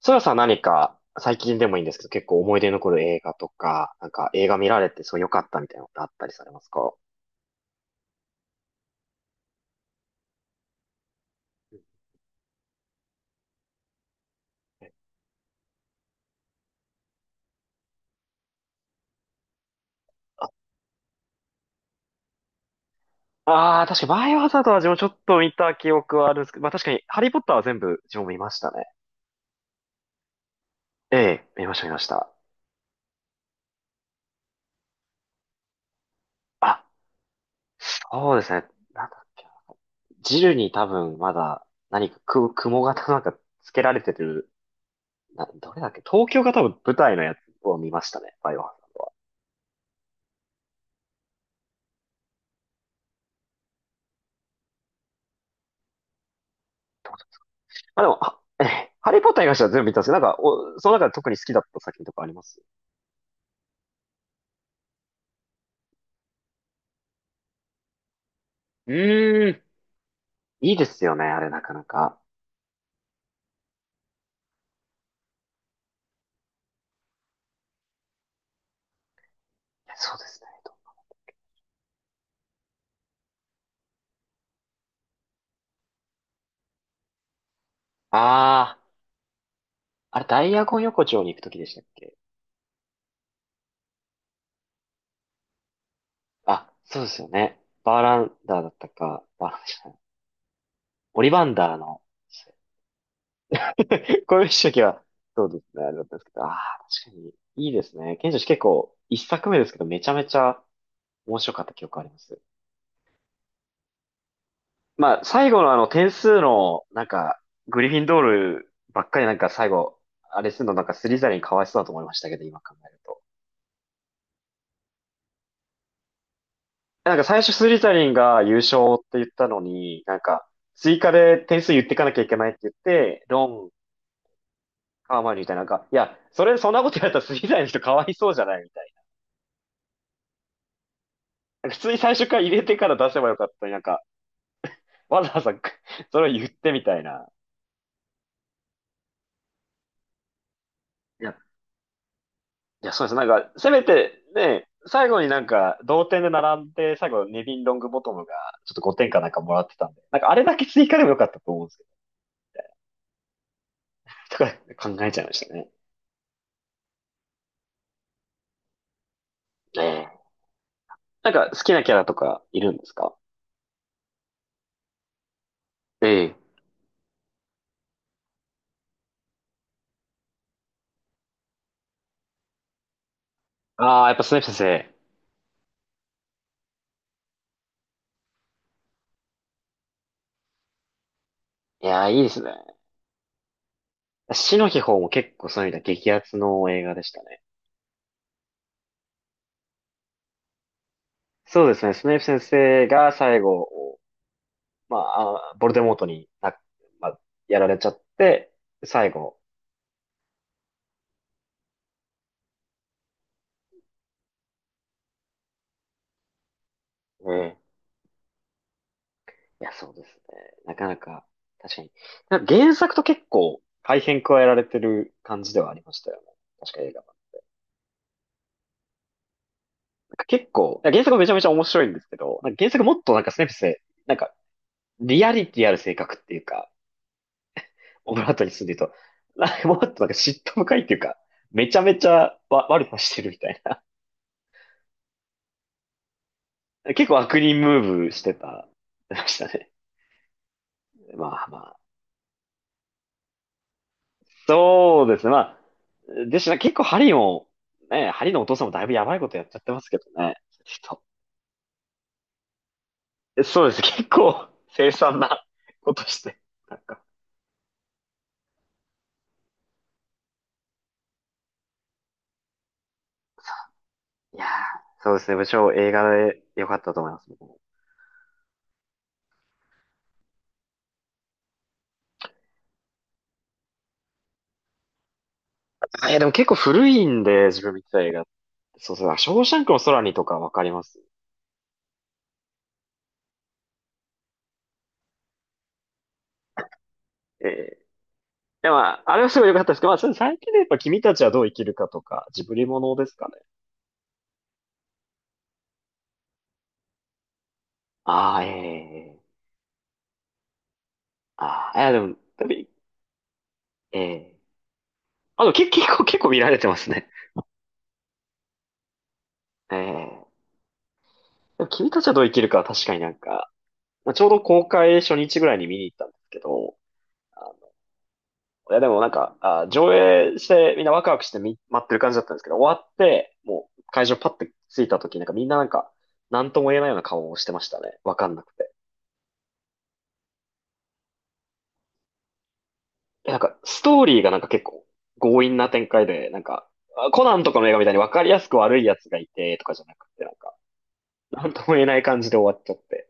ソラさん、何か最近でもいいんですけど、結構思い出に残る映画とか、映画見られてそう良かったみたいなのってあったりされますか？ああー、確かバイオハザードは自分ちょっと見た記憶はあるんですけど、まあ確かにハリーポッターは全部自分も見ましたね。ええ、見ました見ました。あ、そうですね。なんだっけな。ジルに多分まだ何かく、雲型つけられてる、な、どれだっけ、東京が多分舞台のやつを見ましたね。バイオハザード。まあでも、あ、ええ、ハリーポッターに関しては全部見たんですけど、その中で特に好きだった作品とかあります？うーん。いいですよね、あれなかなか。いやそうですね。と、ああ、あれダイアゴン横丁に行くときでしたっけ？あ、そうですよね。バーランダーだったか、バーランダーじゃない、オリバンダーの、こういう時は、そうですね、あれだったんですけど、ああ、確かに、いいですね。賢者、結構、一作目ですけど、めちゃめちゃ面白かった記憶あります。まあ、最後のあの、点数の、グリフィンドールばっかり最後、あれするのスリザリンかわいそうだと思いましたけど、今考えると。最初スリザリンが優勝って言ったのに、追加で点数言ってかなきゃいけないって言って、ロン、ハーマイオニーみたいな、いや、それ、そんなことやったらスリザリンの人かわいそうじゃないみたいな。普通に最初から入れてから出せばよかったのに、わざわざ それを言ってみたいな。いや、いや、そうです。せめて、ね、最後に同点で並んで、最後、ネビン・ロングボトムが、ちょっと5点かなんかもらってたんで、あれだけ追加でもよかったと思うんですけど、だから考えちゃいましたね。ねえ、好きなキャラとかいるんですか？ええ。ああ、やっぱスネイプ先生。いやー、いいですね。死の秘宝も結構そういう意味では激アツの映画でしたね。そうですね。スネイプ先生が最後、まあ、あボルデモートにな、まあ、やられちゃって、最後。え、いや、そうですね。なかなか、確かに。原作と結構改変加えられてる感じではありましたよね。確か映画は。なんか結構、いや原作もめちゃめちゃ面白いんですけど、原作もっとスネイプ先生、なんかリアリティある性格っていうか、オブラートに住んでると、な、もっと嫉妬深いっていうか、めちゃめちゃわ悪さしてるみたいな。結構悪人ムーブしてた、ましたね。まあまあ。そうですね。まあ、でしたね結構ハリーも、ね、ハリーのお父さんもだいぶやばいことやっちゃってますけどね。ちょっとそうです。結構凄惨なことして、なんか。いやー、そうですね。部長、映画で良かったと思います。僕も、あ、いや、でも結構古いんで、自分見てた映画。そうそう。ショーシャンクの空にとかわかります。えーでも、あれはすごい良かったですけど、まあ、それ最近でやっぱ君たちはどう生きるかとか、ジブリものですかね。ああ、ええ、ああ、いやでも、でも、ええ、あ、でも結 結構、結構見られてますね。ええ、でも君たちはどう生きるかは確かにまあ、ちょうど公開初日ぐらいに見に行ったんですけど、あの、いやでもあ、上映してみんなワクワクしてみ、待ってる感じだったんですけど、終わって、もう会場パッて着いた時なんかみんななんか、なんとも言えないような顔をしてましたね。わかんなくて。ストーリーが結構強引な展開で、あコナンとかの映画みたいに分かりやすく悪いやつがいてとかじゃなくて、なんとも言えない感じで終わっちゃって。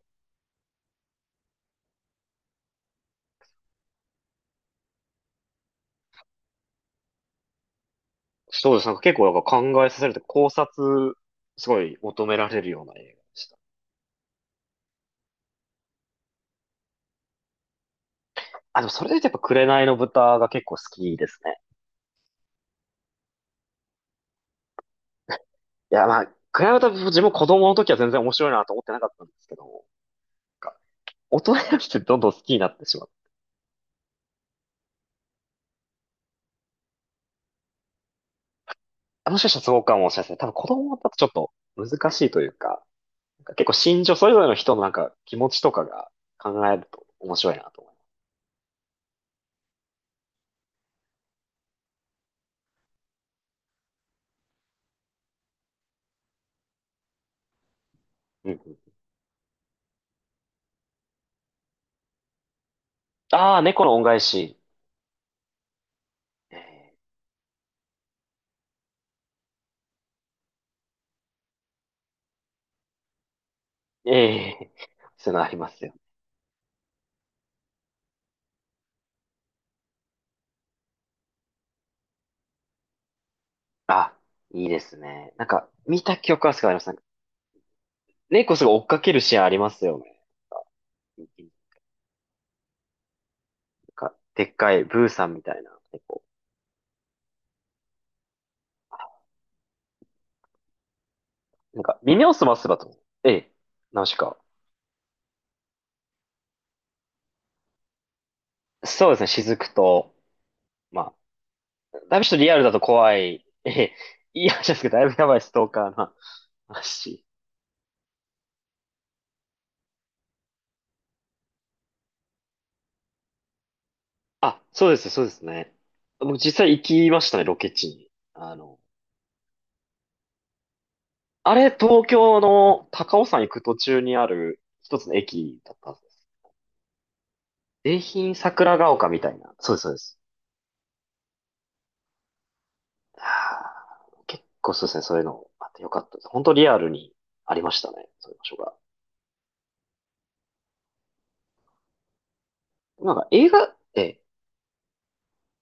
そうです。なんか結構なんか考えさせると考察、すごい求められるような映画でした。あ、でもそれで言うとやっぱ紅の豚が結構好きですね。いや、まあ、紅の豚、自分も子供の時は全然面白いなと思ってなかったんですけど、か大人になってどんどん好きになってしまう。あ、もしかしたらそうかもしれないですね。多分子供だとちょっと難しいというか、結構心情、それぞれの人の気持ちとかが考えると面白いなと思います。うんうん、ああ、猫の恩返し。えー、えー、そういうのありますよ。あ、いいですね。見た記憶はすごいあります。なんか猫すごい追っかけるシーンありますよね。なんでっかいブーさんみたいな猫。耳をすませばと。ええ、ナウシカ。そうですね、雫と、まあ、だいぶちょっとリアルだと怖い。ええ、いい話ですけど、だいぶやばいストーカーな話。あ、そうです、そうですね。僕実際行きましたね、ロケ地に。あの、あれ、東京の高尾山行く途中にある一つの駅だったはずです。京浜桜ヶ丘みたいな。そうです、そうです。はあ結構そうですね、そういうのあってよかったです。本当リアルにありましたね、そういう場所が。なんか映画、え、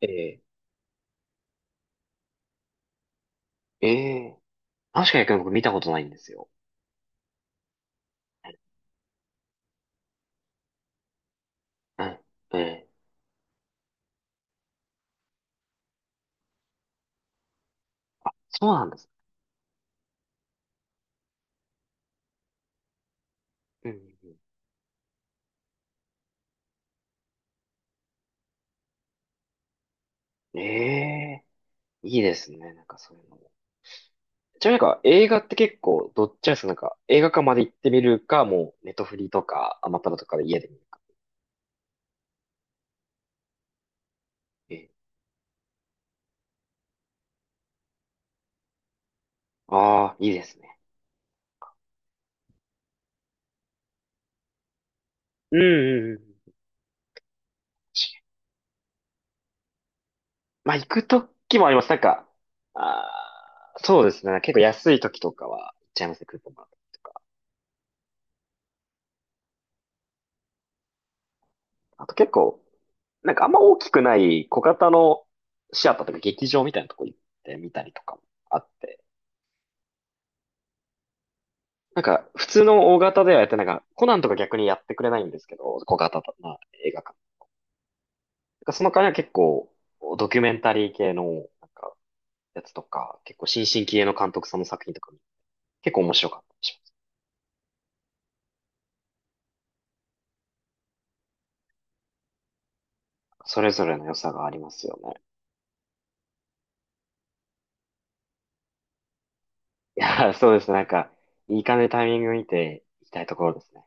えー、えー、確かに僕見たことないんですよ。うん、えー、そうなんです。うん、うんうん、ええ、いいですね、なんかそういうの。じゃあ映画って結構どっちなんですか？映画館まで行ってみるか、もうネットフリとかアマプラとかで家で見るか。ええ、ああ、いいですね。うんうんうん。確かに、まあ行くときもあります。ああ、そうですね。結構安いときとかは行っちゃいますね。クーポンもらったりとか。あと結構、あんま大きくない小型のシアターとか劇場みたいなとこ行ってみたりとかもあって。なんか普通の大型ではやってコナンとか逆にやってくれないんですけど、小型な映画館。なんかその代わりは結構、ドキュメンタリー系の、なんか、やつとか、結構新進気鋭の監督さんの作品とかも、結構面白かったりします。それぞれの良さがありますよね。いやー、そうですね。なんか、いい感じでタイミング見ていきたいところですね。